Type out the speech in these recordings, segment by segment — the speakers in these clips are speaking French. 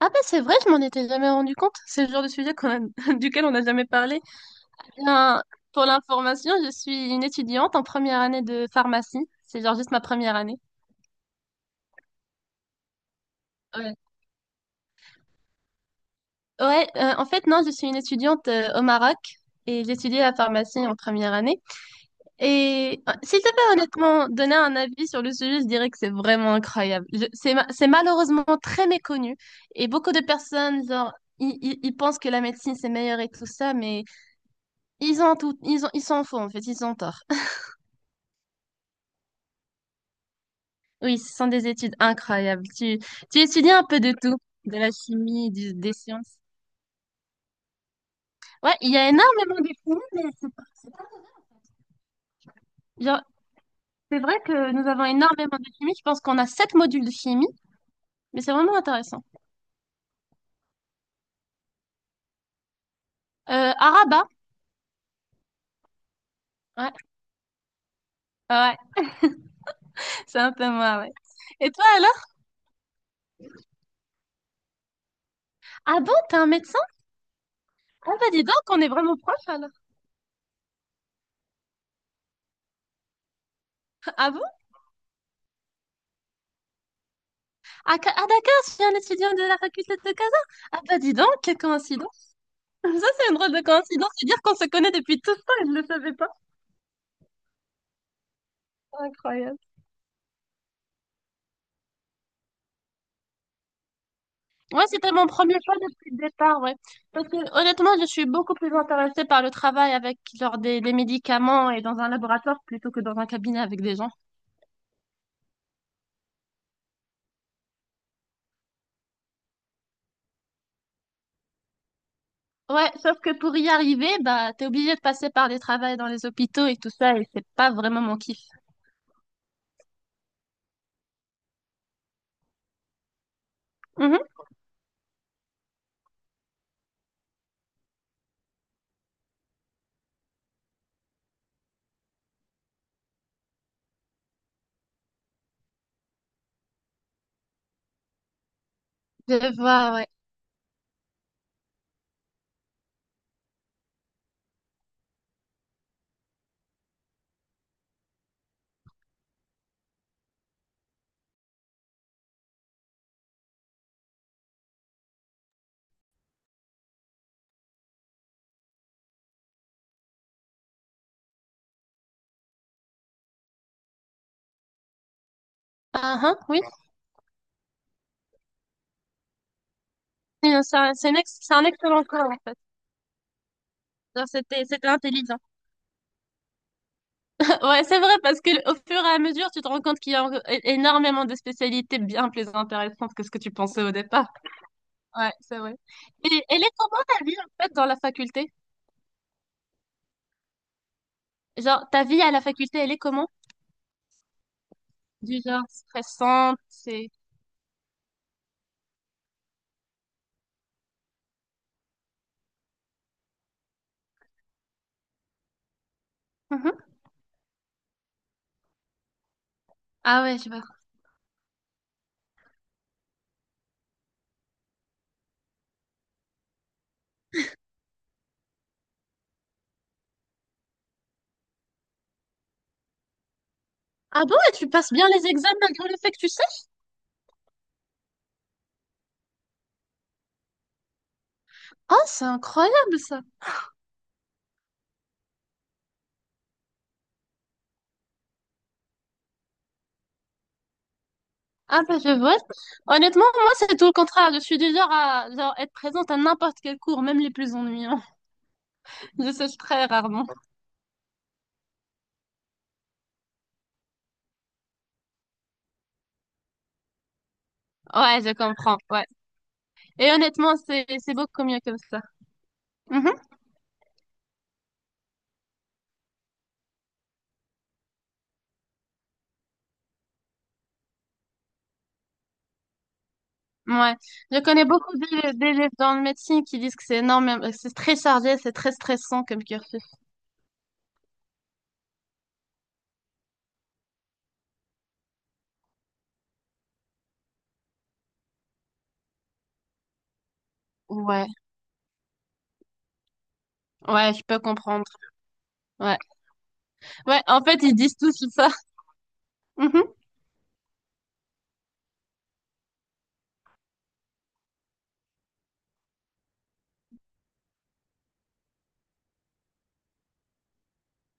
Ah ben c'est vrai, je m'en étais jamais rendu compte. C'est le genre de sujet duquel on n'a jamais parlé. Eh bien, pour l'information, je suis une étudiante en première année de pharmacie. C'est genre juste ma première année. Ouais. Ouais, en fait, non, je suis une étudiante au Maroc et j'étudie la pharmacie en première année. Et si je devais honnêtement donner un avis sur le sujet, je dirais que c'est vraiment incroyable. C'est malheureusement très méconnu et beaucoup de personnes, genre, ils pensent que la médecine c'est meilleur et tout ça, mais... Ils ont tout, ils ont, ils s'en font, en fait, ils ont tort. Oui, ce sont des études incroyables. Tu étudies un peu de tout, de la chimie, des sciences. Ouais, il y a énormément de chimie, mais c'est pas- genre, c'est vrai que nous avons énormément de chimie. Je pense qu'on a sept modules de chimie, mais c'est vraiment intéressant. Araba, ouais, ouais, c'est un peu moi, ouais. Et toi alors? Ah bon, t'es un médecin? Ah bah dis donc, on est vraiment proches alors. Ah bon? Ah, d'accord, je suis un étudiant de la faculté de Casa. Ah bah dis donc, quelle coïncidence. Ça, c'est une drôle de coïncidence. C'est-à-dire qu'on se connaît depuis tout le temps et je ne le savais pas. C'est incroyable. Ouais, c'était mon premier choix depuis le départ, ouais. Parce que honnêtement, je suis beaucoup plus intéressée par le travail avec genre des médicaments et dans un laboratoire plutôt que dans un cabinet avec des gens. Ouais, sauf que pour y arriver, bah, t'es obligé de passer par des travails dans les hôpitaux et tout ça et c'est pas vraiment mon kiff. Mhm. Je vois, ouais. Ah, hein, oui. C'est c'est un excellent choix, en fait. Genre, c'était, c'était intelligent. Ouais, c'est vrai, parce que au fur et à mesure, tu te rends compte qu'il y a encore énormément de spécialités bien plus intéressantes que ce que tu pensais au départ. Ouais, c'est vrai. Et elle est comment ta vie, en fait, dans la faculté? Genre, ta vie à la faculté, elle est comment? Du genre stressante, c'est... Mhm. Ah ouais, je vois. Ah bon, et tu passes bien les examens malgré le fait que tu sèches? Ah, c'est incroyable, ça. Ah bah, je vois. Honnêtement, moi, c'est tout le contraire. Je suis du genre à genre, être présente à n'importe quel cours, même les plus ennuyants. Je sèche très rarement. Ouais, je comprends. Ouais. Et honnêtement, c'est beaucoup mieux comme ça. Mhm. Ouais. Je connais beaucoup d'élèves dans le médecine qui disent que c'est énorme, c'est très chargé, c'est très stressant comme cursus. Ouais. Ouais, je peux comprendre. Ouais. Ouais, en fait, ils disent tous ça. Mhm.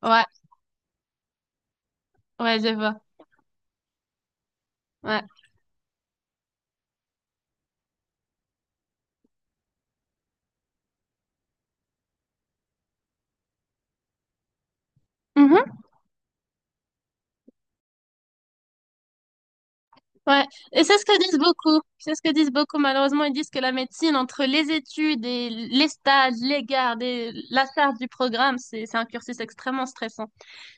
Ouais. Ouais, je vois. Ouais. Mhm. Ouais. Et c'est ce que disent beaucoup. C'est ce que disent beaucoup, malheureusement. Ils disent que la médecine, entre les études et les stages, les gardes et la charge du programme, c'est un cursus extrêmement stressant.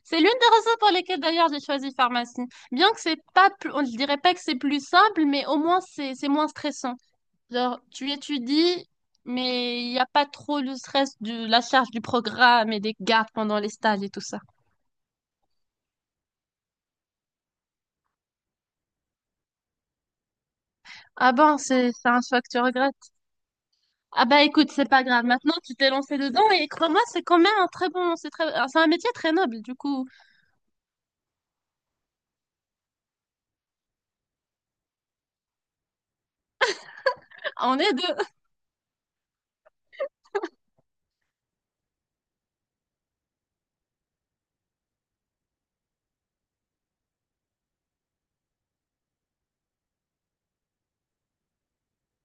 C'est l'une des raisons pour lesquelles d'ailleurs j'ai choisi pharmacie. Bien que c'est pas plus, on ne dirait pas que c'est plus simple, mais au moins c'est moins stressant. Genre, tu étudies, mais il n'y a pas trop le stress de la charge du programme et des gardes pendant les stages et tout ça. Ah bon, c'est un choix que tu regrettes. Ah bah écoute, c'est pas grave. Maintenant, tu t'es lancé dedans et crois-moi, c'est quand même un très bon, c'est très, c'est un métier très noble. Du coup, on est deux.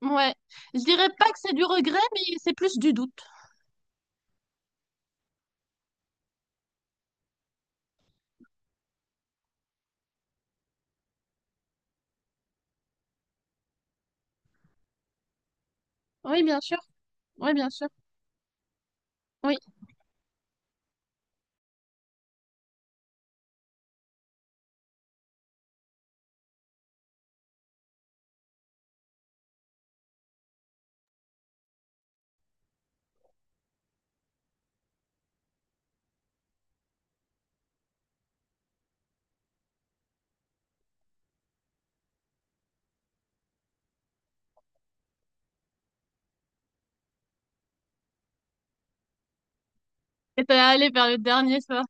Ouais, je dirais pas que c'est du regret, mais c'est plus du doute. Oui, bien sûr. Oui, bien sûr. Oui. Et t'es allé vers le dernier soir.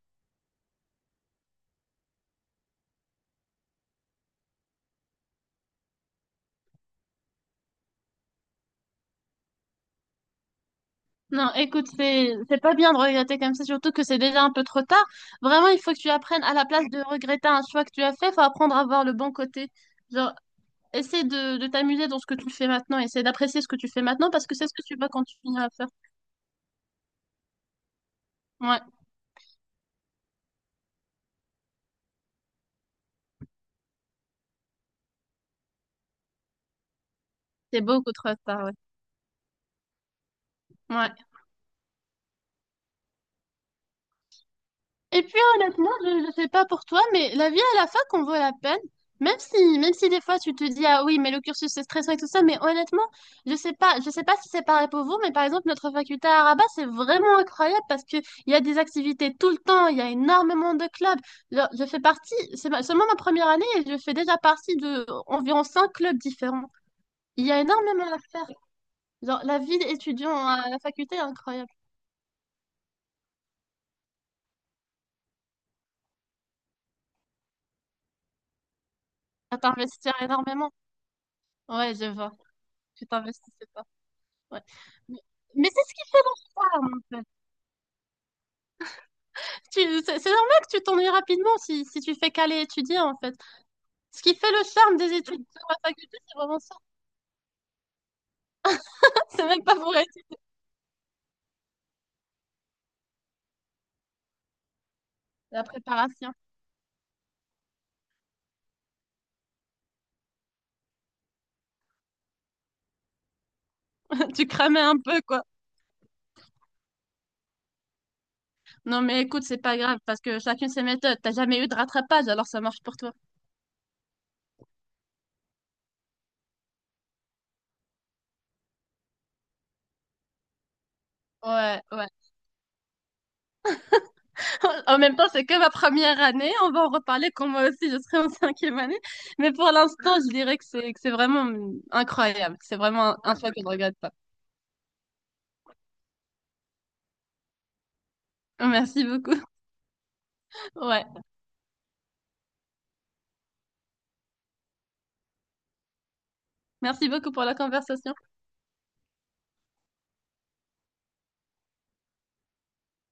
Non, écoute, c'est pas bien de regretter comme ça, surtout que c'est déjà un peu trop tard. Vraiment, il faut que tu apprennes à la place de regretter un choix que tu as fait, faut apprendre à voir le bon côté. Genre, essaie de t'amuser dans ce que tu fais maintenant, essaie d'apprécier ce que tu fais maintenant parce que c'est ce que tu vas continuer à faire. Ouais, c'est beaucoup trop tard, ouais. Ouais. Et puis honnêtement, je ne sais pas pour toi, mais la vie à la fac en vaut la peine. Même si des fois tu te dis, ah oui, mais le cursus c'est stressant et tout ça, mais honnêtement, je sais pas si c'est pareil pour vous, mais par exemple, notre faculté à Rabat, c'est vraiment incroyable parce que il y a des activités tout le temps, il y a énormément de clubs. Genre, je fais partie, seulement ma première année et je fais déjà partie de environ 5 clubs différents. Il y a énormément à faire. Genre, la vie d'étudiant à la faculté est incroyable. À t'investir énormément. Ouais, je vois. Tu t'investis. Ouais. Mais c'est ce qui parle, en fait. C'est normal que tu t'ennuies rapidement si tu fais qu'aller étudier, en fait. Ce qui fait le charme des études sur la faculté, c'est vraiment ça. C'est même pas pour étudier, la préparation. Tu cramais un peu, quoi. Non, mais écoute, c'est pas grave, parce que chacune ses méthodes. T'as jamais eu de rattrapage, alors ça marche pour toi. Ouais, ouais. En même temps, c'est que ma première année. On va en reparler quand moi aussi, je serai en cinquième année. Mais pour l'instant, je dirais que c'est vraiment incroyable. C'est vraiment un choix que je ne regrette pas. Merci beaucoup. Ouais. Merci beaucoup pour la conversation.